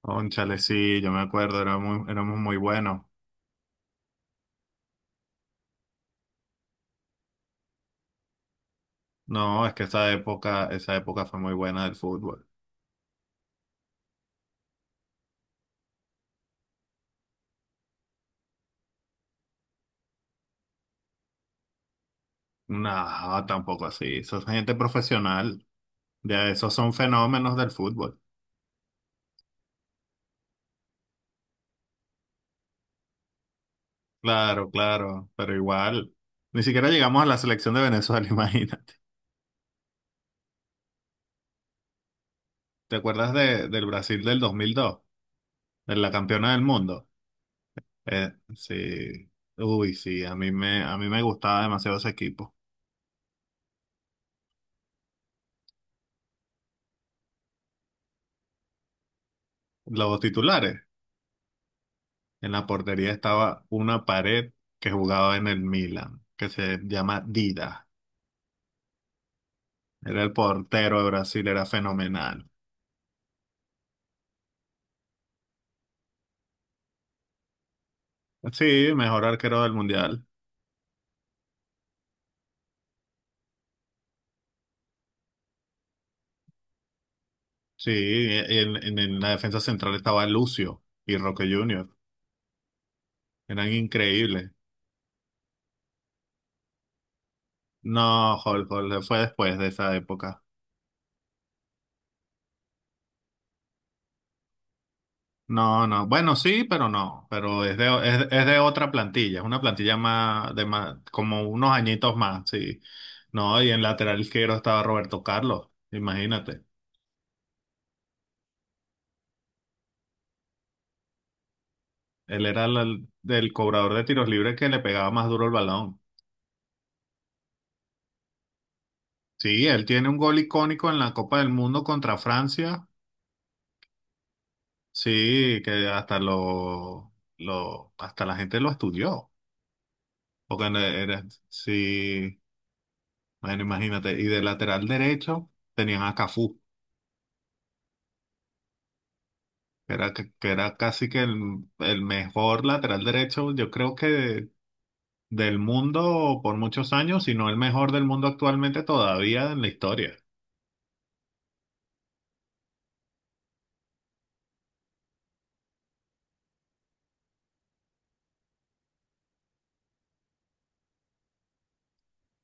Cónchale, sí, yo me acuerdo, éramos muy buenos. No, es que esa época fue muy buena del fútbol. No, tampoco así. Esa es gente profesional. Ya esos son fenómenos del fútbol. Claro, claro, pero igual. Ni siquiera llegamos a la selección de Venezuela, imagínate. ¿Te acuerdas del Brasil del 2002? De la campeona del mundo. Sí. Uy, sí, a mí me gustaba demasiado ese equipo. Los titulares. En la portería estaba una pared que jugaba en el Milan, que se llama Dida. Era el portero de Brasil, era fenomenal. Sí, mejor arquero del mundial. Sí, en la defensa central estaba Lucio y Roque Junior. Eran increíbles. No, Jorge, Jorge fue después de esa época. No, no. Bueno, sí, pero no. Pero es de otra plantilla. Es una plantilla más, de más, como unos añitos más, sí. No, y en lateral izquierdo estaba Roberto Carlos. Imagínate. Él era el cobrador de tiros libres que le pegaba más duro el balón. Sí, él tiene un gol icónico en la Copa del Mundo contra Francia. Sí, que hasta lo, hasta la gente lo estudió. Era, sí, bueno, imagínate. Y de lateral derecho tenían a Cafú. Era, que era casi que el mejor lateral derecho, yo creo del mundo por muchos años, si no el mejor del mundo actualmente todavía en la historia.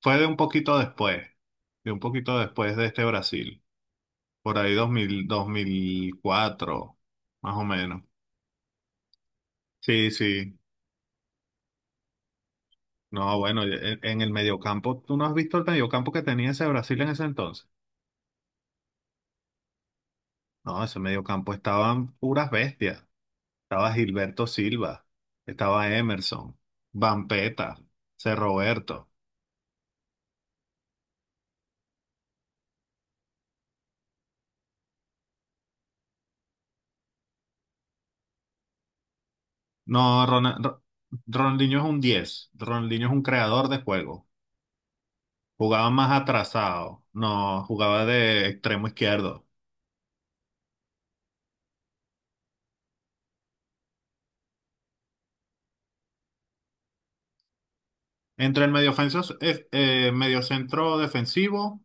Fue de un poquito después de este Brasil, por ahí 2000, 2004, más o menos. Sí, sí. No, bueno, en el mediocampo, ¿tú no has visto el mediocampo que tenía ese Brasil en ese entonces? No, ese mediocampo estaban puras bestias. Estaba Gilberto Silva, estaba Emerson, Vampeta, C. Roberto. No, Ronaldinho es un diez. Ronaldinho es un creador de juego. Jugaba más atrasado, no, jugaba de extremo izquierdo. Entre el mediocentro defensivo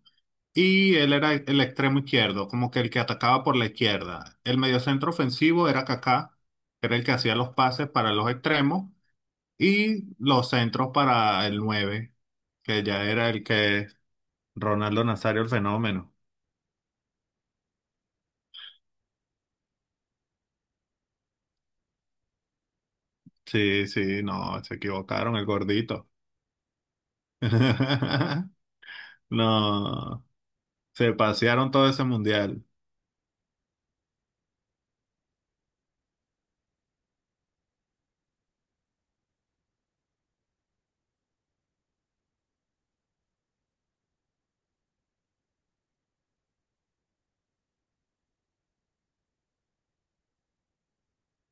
y él era el extremo izquierdo, como que el que atacaba por la izquierda. El mediocentro ofensivo era Kaká, que era el que hacía los pases para los extremos y los centros para el 9 que ya era el que. Ronaldo Nazario el fenómeno. Sí, sí, no, se equivocaron, el gordito. No, se pasearon todo ese mundial.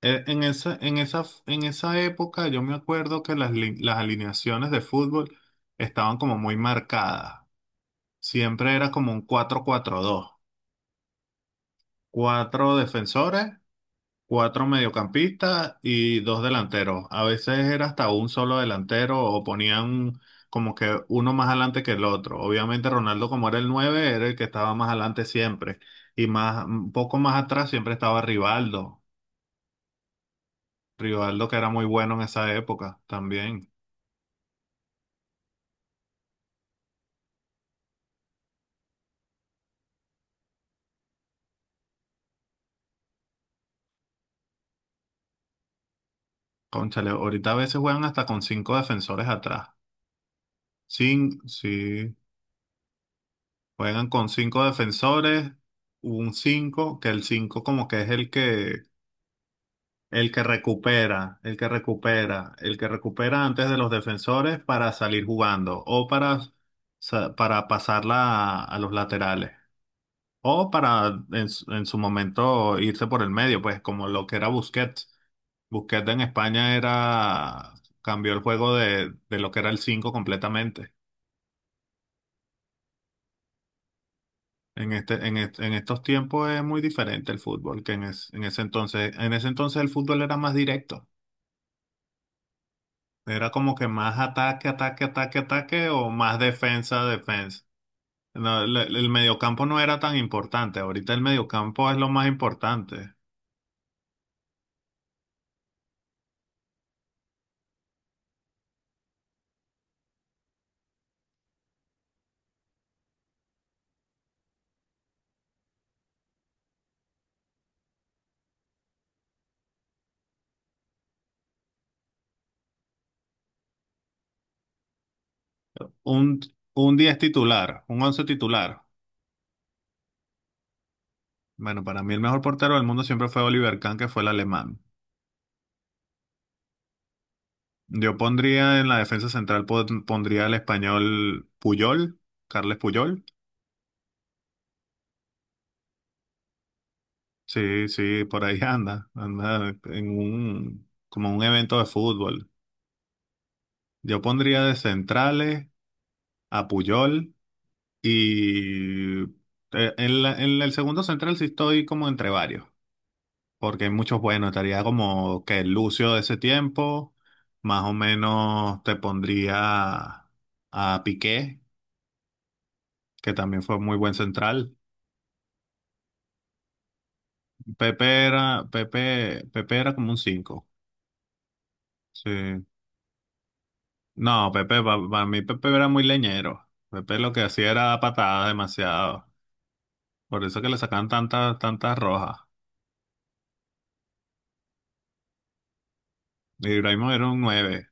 En esa época yo me acuerdo que las alineaciones de fútbol estaban como muy marcadas. Siempre era como un 4-4-2. Cuatro defensores, cuatro mediocampistas y dos delanteros. A veces era hasta un solo delantero o ponían como que uno más adelante que el otro. Obviamente Ronaldo, como era el nueve, era el que estaba más adelante siempre. Y más, un poco más atrás siempre estaba Rivaldo. Rivaldo que era muy bueno en esa época también. Cónchale, ahorita a veces juegan hasta con cinco defensores atrás. Sí, juegan con cinco defensores, un cinco, que el cinco como que es el que. El que recupera, el que recupera, el que recupera antes de los defensores para salir jugando o para pasarla a los laterales o para en su momento irse por el medio, pues como lo que era Busquets. Busquets en España cambió el juego de lo que era el 5 completamente. En estos tiempos es muy diferente el fútbol que en ese entonces. En ese entonces el fútbol era más directo. Era como que más ataque, ataque, ataque, ataque o más defensa, defensa. No, el mediocampo no era tan importante. Ahorita el mediocampo es lo más importante. Un, un 10 titular, un 11 titular. Bueno, para mí el mejor portero del mundo siempre fue Oliver Kahn, que fue el alemán. Yo pondría en la defensa central, pondría al español Puyol, Carles Puyol. Sí, sí, por ahí anda, anda como un evento de fútbol. Yo pondría de centrales a Puyol. Y en el segundo central sí estoy como entre varios, porque hay muchos buenos. Estaría como que Lucio de ese tiempo, más o menos te pondría a Piqué, que también fue muy buen central. Pepe era como un cinco. Sí. No, Pepe, para mí Pepe era muy leñero. Pepe lo que hacía era dar patadas demasiado. Por eso que le sacaban tantas, tantas rojas. Ibrahimovic era un nueve.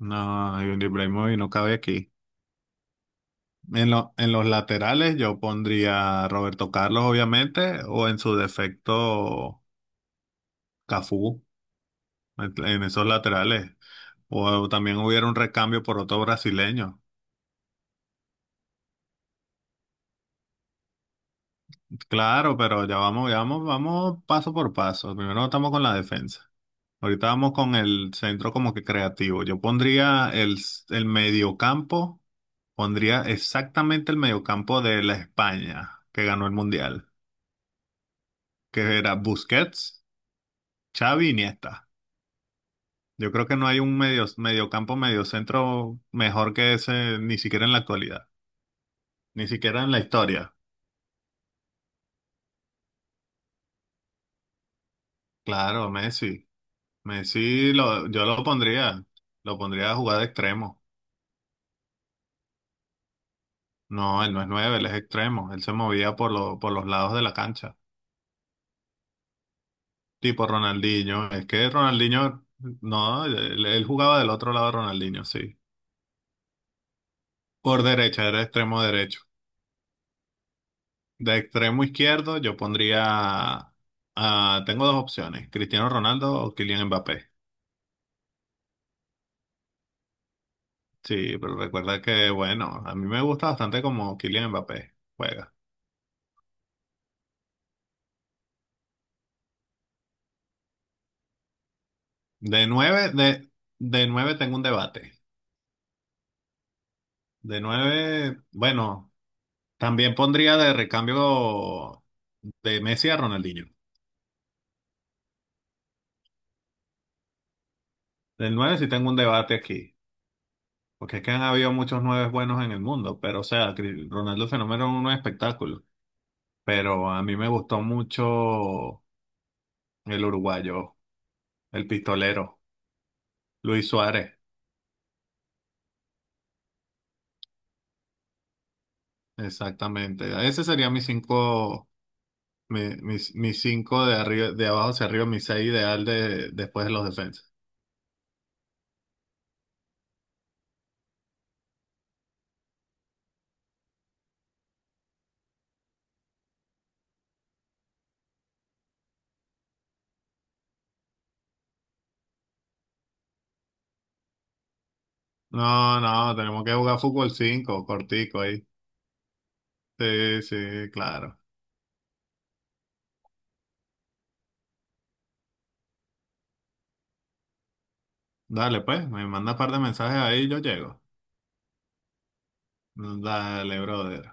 No, Ibrahimovic no cabe aquí. En los laterales yo pondría a Roberto Carlos, obviamente, o en su defecto Cafú, en esos laterales. O también hubiera un recambio por otro brasileño. Claro, pero ya vamos, vamos paso por paso. Primero estamos con la defensa. Ahorita vamos con el centro como que creativo. Yo pondría el mediocampo, pondría exactamente el mediocampo de la España, que ganó el Mundial. Que era Busquets, Xavi, Iniesta. Yo creo que no hay un mediocentro mejor que ese, ni siquiera en la actualidad, ni siquiera en la historia. Claro, Messi. Messi lo pondría a jugar de extremo. No, él no es nueve, él es extremo. Él se movía por los lados de la cancha. Tipo Ronaldinho. Es que Ronaldinho, no, él jugaba del otro lado de Ronaldinho, sí. Por derecha, era extremo derecho. De extremo izquierdo, yo pondría. Tengo dos opciones: Cristiano Ronaldo o Kylian Mbappé. Sí, pero recuerda que, bueno, a mí me gusta bastante como Kylian Mbappé juega. De nueve, de, de nueve tengo un debate. De nueve, bueno, también pondría de recambio de Messi a Ronaldinho. Del nueve sí tengo un debate aquí. Porque es que han habido muchos nueves buenos en el mundo, pero o sea, Ronaldo Fenómeno es un espectáculo. Pero a mí me gustó mucho. El uruguayo, el pistolero, Luis Suárez, exactamente. Ese sería mis cinco, mis cinco de arriba, de abajo hacia arriba, mis seis ideal después de los defensas. No, no, tenemos que jugar fútbol 5 cortico ahí. Sí, sí, claro. Dale, pues, me manda un par de mensajes ahí y yo llego. Dale, brother.